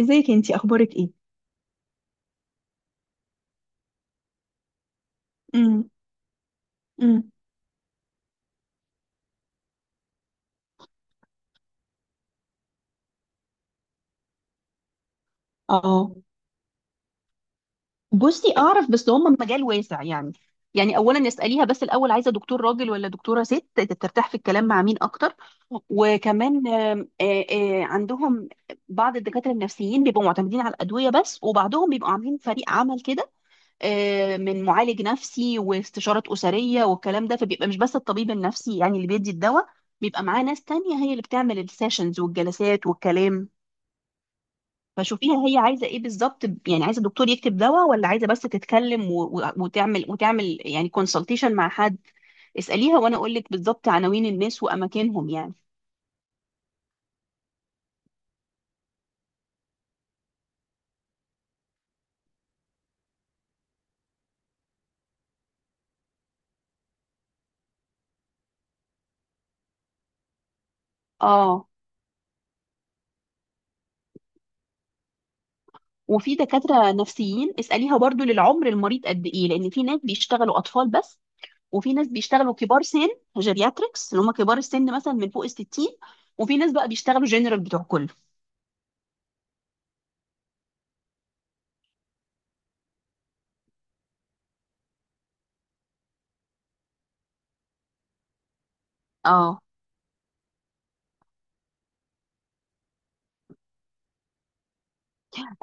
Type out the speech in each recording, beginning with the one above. ازيك انتي اخبارك ايه؟ امم امم اه بصي اعرف بس هم مجال واسع يعني. يعني اولا اساليها بس الاول عايزه دكتور راجل ولا دكتوره ست ترتاح في الكلام مع مين اكتر. وكمان آم، آه، آه، عندهم بعض الدكاتره النفسيين بيبقوا معتمدين على الادويه بس وبعضهم بيبقوا عاملين فريق عمل كده، من معالج نفسي واستشارات اسريه والكلام ده، فبيبقى مش بس الطبيب النفسي يعني اللي بيدي الدواء. بيبقى معاه ناس تانية هي اللي بتعمل السيشنز والجلسات والكلام. فشوفيها هي عايزه ايه بالظبط، يعني عايزه الدكتور يكتب دواء ولا عايزه بس تتكلم وتعمل يعني كونسلتيشن مع حد. اساليها وانا اقول لك بالظبط عناوين الناس واماكنهم يعني. اه، وفي دكاتره نفسيين اساليها برضو للعمر، المريض قد ايه، لان في ناس بيشتغلوا اطفال بس، وفي ناس بيشتغلوا كبار سن، جيرياتريكس اللي هم كبار السن مثلا من فوق ال 60، وفي ناس بقى بيشتغلوا جنرال بتوع كله. اه.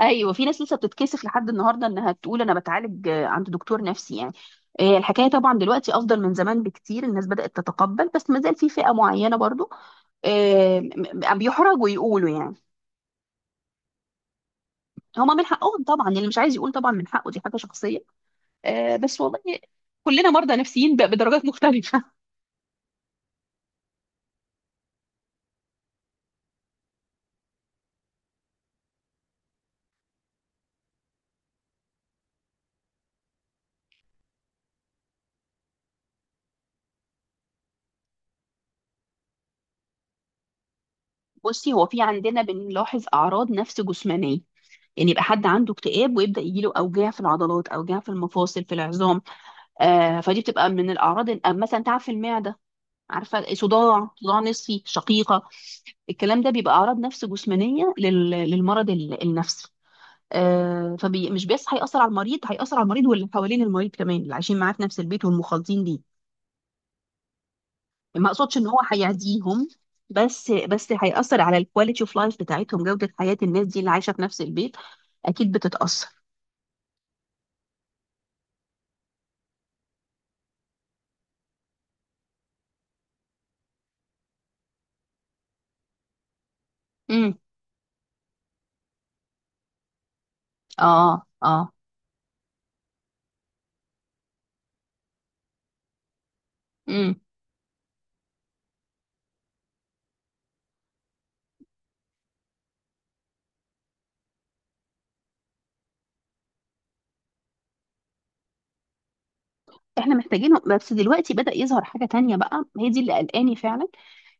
ايوه، في ناس لسه بتتكسف لحد النهارده انها تقول انا بتعالج عند دكتور نفسي يعني. الحكايه طبعا دلوقتي افضل من زمان بكتير، الناس بدات تتقبل، بس ما زال في فئه معينه برضو آه، م- بيحرجوا يقولوا يعني. هما من حقهم طبعا، اللي مش عايز يقول طبعا من حقه، دي حاجه شخصيه. بس والله كلنا مرضى نفسيين بدرجات مختلفه. بصي، هو في عندنا بنلاحظ اعراض نفس جسمانيه، يعني يبقى حد عنده اكتئاب ويبدا يجيله اوجاع في العضلات، اوجاع في المفاصل، في العظام. فدي بتبقى من الاعراض مثلا تعب في المعده، عارفه، صداع، صداع نصفي، شقيقه. الكلام ده بيبقى اعراض نفس جسمانيه للمرض النفسي. فمش بس هيأثر على المريض، هيأثر على المريض واللي حوالين المريض كمان، اللي عايشين معاه في نفس البيت والمخالطين ليه. ما اقصدش ان هو هيعديهم، بس هيأثر على الكواليتي اوف لايف بتاعتهم، جودة حياة الناس دي اللي عايشة في نفس البيت اكيد بتتأثر. امم. اه. اه. امم. احنا محتاجينهم، بس دلوقتي بدأ يظهر حاجة تانية بقى، هي دي اللي قلقاني فعلا.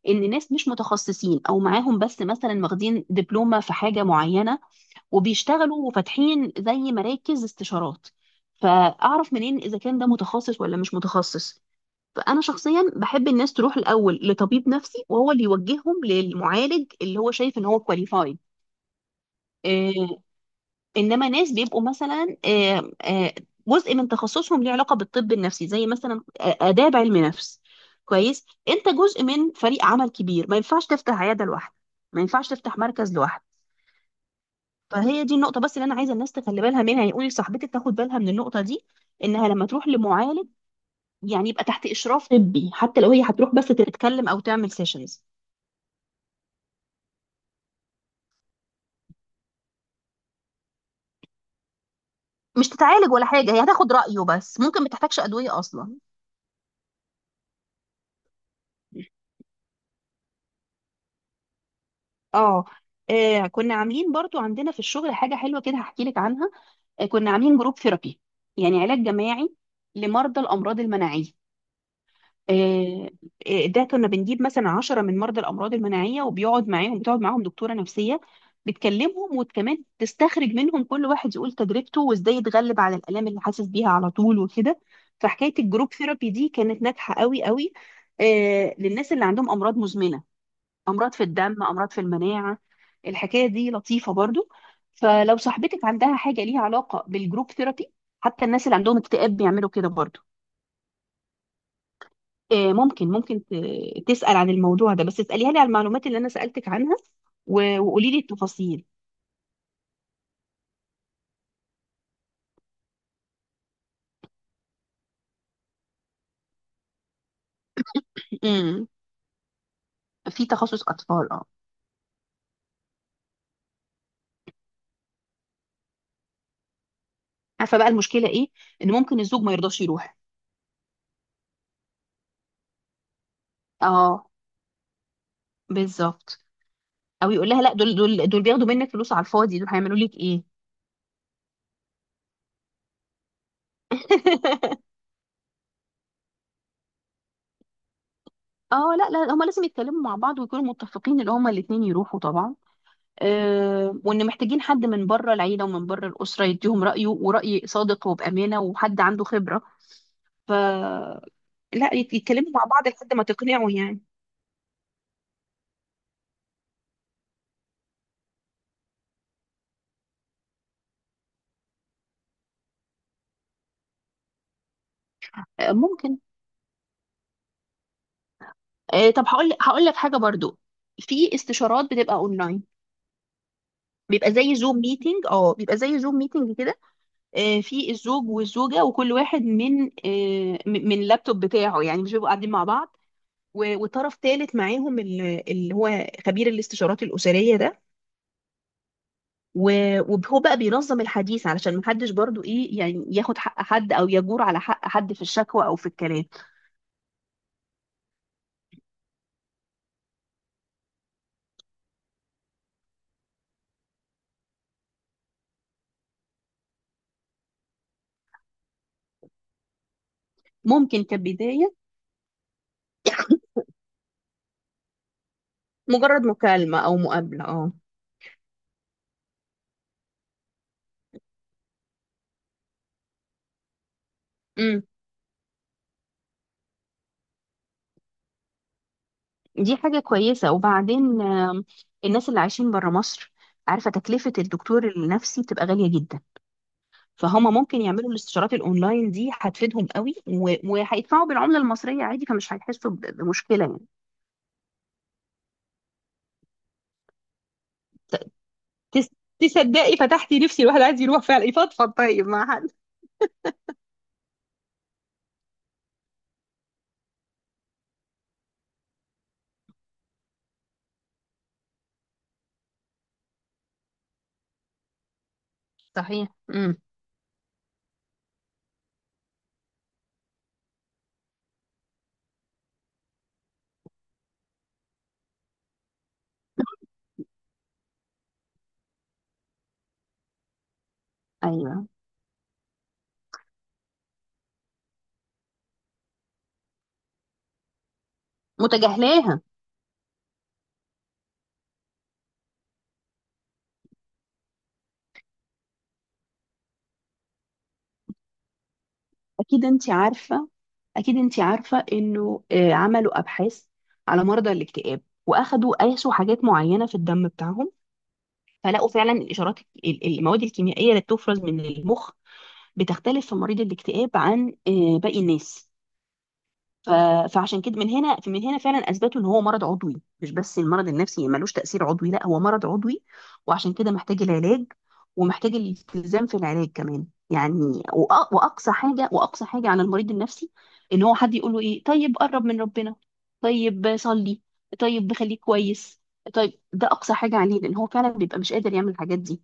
ان ناس مش متخصصين او معاهم بس مثلا واخدين دبلومة في حاجة معينة وبيشتغلوا وفاتحين زي مراكز استشارات، فاعرف منين اذا كان ده متخصص ولا مش متخصص؟ فانا شخصيا بحب الناس تروح الاول لطبيب نفسي، وهو اللي يوجههم للمعالج اللي هو شايف ان هو كواليفايد. انما ناس بيبقوا مثلا جزء من تخصصهم ليه علاقه بالطب النفسي، زي مثلا اداب علم نفس، كويس، انت جزء من فريق عمل كبير، ما ينفعش تفتح عياده لوحدك، ما ينفعش تفتح مركز لوحدك. فهي دي النقطه بس اللي انا عايزه الناس تخلي بالها منها، يقولي لصاحبتك تاخد بالها من النقطه دي، انها لما تروح لمعالج، يعني يبقى تحت اشراف طبي، حتى لو هي هتروح بس تتكلم او تعمل سيشنز. مش تتعالج ولا حاجه، هي هتاخد رايه بس، ممكن ما تحتاجش ادويه اصلا. اه، كنا عاملين برضو عندنا في الشغل حاجة حلوة كده، هحكي لك عنها. كنا عاملين جروب ثيرابي، يعني علاج جماعي لمرضى الأمراض المناعية. آه، ده كنا بنجيب مثلا عشرة من مرضى الأمراض المناعية وبيقعد معاهم، بتقعد معاهم دكتورة نفسية، بتكلمهم وكمان تستخرج منهم، كل واحد يقول تجربته وازاي يتغلب على الآلام اللي حاسس بيها على طول وكده. فحكاية الجروب ثيرابي دي كانت ناجحة قوي قوي، للناس اللي عندهم أمراض مزمنة، امراض في الدم، امراض في المناعه. الحكايه دي لطيفه برضو. فلو صاحبتك عندها حاجه ليها علاقه بالجروب ثيرابي، حتى الناس اللي عندهم اكتئاب بيعملوا كده برضو. آه، ممكن ممكن ت- تسال عن الموضوع ده، بس اساليها لي على المعلومات اللي انا سالتك عنها وقولي لي التفاصيل. امم. في تخصص اطفال اه. عارفه بقى المشكله ايه؟ ان ممكن الزوج ما يرضاش يروح. اه، بالظبط. او يقول لها لا، دول بياخدوا منك فلوس على الفاضي، دول هيعملوا لك ايه. اه لا لا، هما لازم يتكلموا مع بعض ويكونوا متفقين ان هما الاتنين يروحوا طبعا. آه، وان محتاجين حد من بره العيله ومن بره الاسره يديهم رايه، وراي صادق وبامانه، وحد عنده خبره. ف لا، يتكلموا مع بعض لحد ما تقنعوا يعني. آه ممكن. آه، طب هقول، هقول لك حاجه برضو. في استشارات بتبقى اونلاين، بيبقى زي زوم ميتنج. اه، بيبقى زي زوم ميتنج كده. آه، في الزوج والزوجه، وكل واحد من من اللابتوب بتاعه، يعني مش بيبقوا قاعدين مع بعض، وطرف ثالث معاهم اللي هو خبير الاستشارات الأسرية ده، وهو بقى بينظم الحديث علشان محدش برضو ايه يعني، ياخد حق حد او يجور على حق حد في الشكوى او في الكلام. ممكن كبداية، مجرد مكالمة او مقابلة اه. امم، دي حاجة كويسة. وبعدين الناس اللي عايشين بره مصر، عارفة تكلفة الدكتور النفسي بتبقى غالية جدا، فهم ممكن يعملوا الاستشارات الاونلاين دي، هتفيدهم قوي، وهيدفعوا بالعملة المصرية عادي، فمش هيحسوا بمشكلة يعني. تس- تصدقي فتحتي نفسي، الواحد عايز يروح فعلا يفضفض طيب مع حد. صحيح. امم. ايوه. متجاهلاها. اكيد انت عارفه، اكيد انت عارفه انه عملوا ابحاث على مرضى الاكتئاب، واخدوا، قاسوا حاجات معينه في الدم بتاعهم، فلقوا فعلا الاشارات، المواد الكيميائيه اللي بتفرز من المخ بتختلف في مريض الاكتئاب عن باقي الناس. ف- فعشان كده، من هنا فعلا اثبتوا ان هو مرض عضوي، مش بس المرض النفسي ملوش تاثير عضوي، لا هو مرض عضوي. وعشان كده محتاج العلاج، ومحتاج الالتزام في العلاج كمان يعني. واقصى حاجه، عن المريض النفسي، ان هو حد يقول له ايه، طيب قرب من ربنا، طيب صلي، طيب خليك كويس، طيب. ده اقصى حاجه عليه، لان هو فعلا بيبقى مش قادر يعمل الحاجات دي.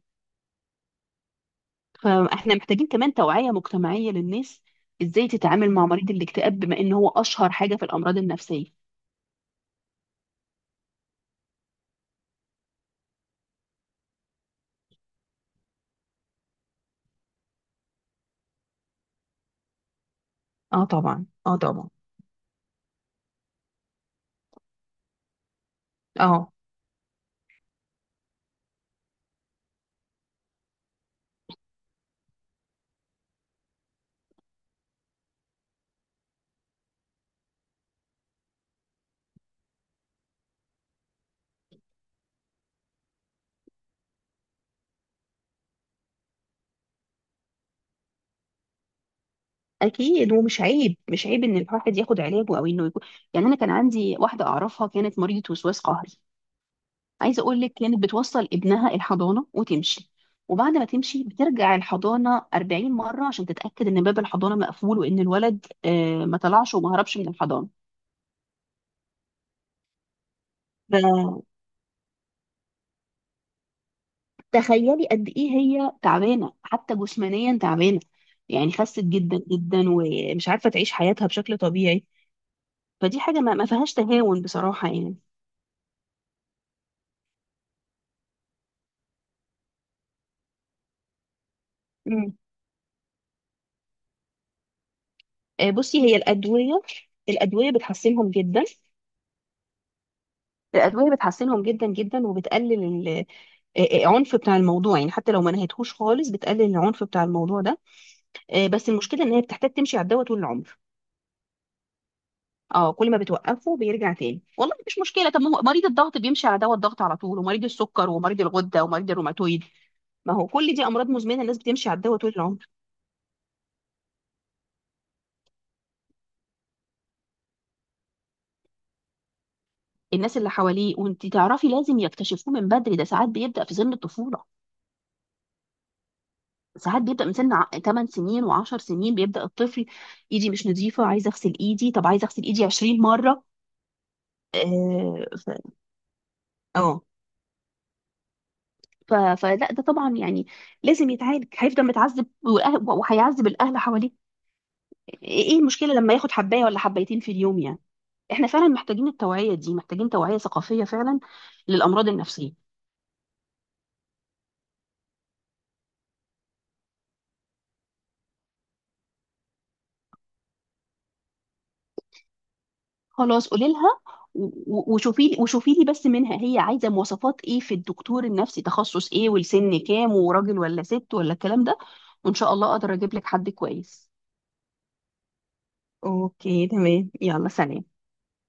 فاحنا محتاجين كمان توعيه مجتمعيه للناس، ازاي تتعامل مع مريض الاكتئاب، بما ان هو اشهر حاجه في الامراض النفسيه. اه طبعا، اه طبعا. اه. اكيد، ومش عيب، مش عيب ان الواحد ياخد علاجه او انه يكون، يعني انا كان عندي واحده اعرفها كانت مريضه وسواس قهري، عايزه اقول لك، كانت بتوصل ابنها الحضانه وتمشي، وبعد ما تمشي بترجع الحضانه 40 مره عشان تتاكد ان باب الحضانه مقفول، وان الولد ما طلعش وما هربش من الحضانه. فتخيلي قد ايه هي تعبانه، حتى جسمانيا تعبانه، يعني خست جدا جدا ومش عارفه تعيش حياتها بشكل طبيعي. فدي حاجة ما فيهاش تهاون بصراحة يعني. مم. بصي، هي الأدوية، الأدوية بتحسنهم جدا، الأدوية بتحسنهم جدا جدا، وبتقلل العنف بتاع الموضوع يعني، حتى لو ما نهيتهوش خالص، بتقلل العنف بتاع الموضوع ده. بس المشكلة إن هي بتحتاج تمشي على الدواء طول العمر. اه، كل ما بتوقفه بيرجع تاني. والله مفيش مشكلة، طب ما هو مريض الضغط بيمشي على دواء الضغط على طول، ومريض السكر، ومريض الغدة، ومريض الروماتويد، ما هو كل دي أمراض مزمنة، الناس بتمشي على الدواء طول العمر. الناس اللي حواليه، وانت تعرفي لازم يكتشفوه من بدري، ده ساعات بيبدأ في سن الطفولة، ساعات بيبدأ من سن 8 سنين و10 سنين، بيبدأ الطفل ايدي مش نظيفة، عايزة اغسل ايدي، طب عايزة اغسل ايدي 20 مرة. اه اه فلا، ده طبعا يعني لازم يتعالج، هيفضل متعذب، وهيعذب الاهل حواليه. إيه المشكلة لما ياخد حباية ولا حبايتين في اليوم يعني؟ احنا فعلا محتاجين التوعية دي، محتاجين توعية ثقافية فعلا للأمراض النفسية. خلاص، قولي لها، وشوفي لي بس منها هي عايزه مواصفات ايه في الدكتور النفسي، تخصص ايه، والسن كام، وراجل ولا ست، ولا الكلام ده، وان شاء الله اقدر اجيب لك حد كويس. اوكي تمام، يلا سلام.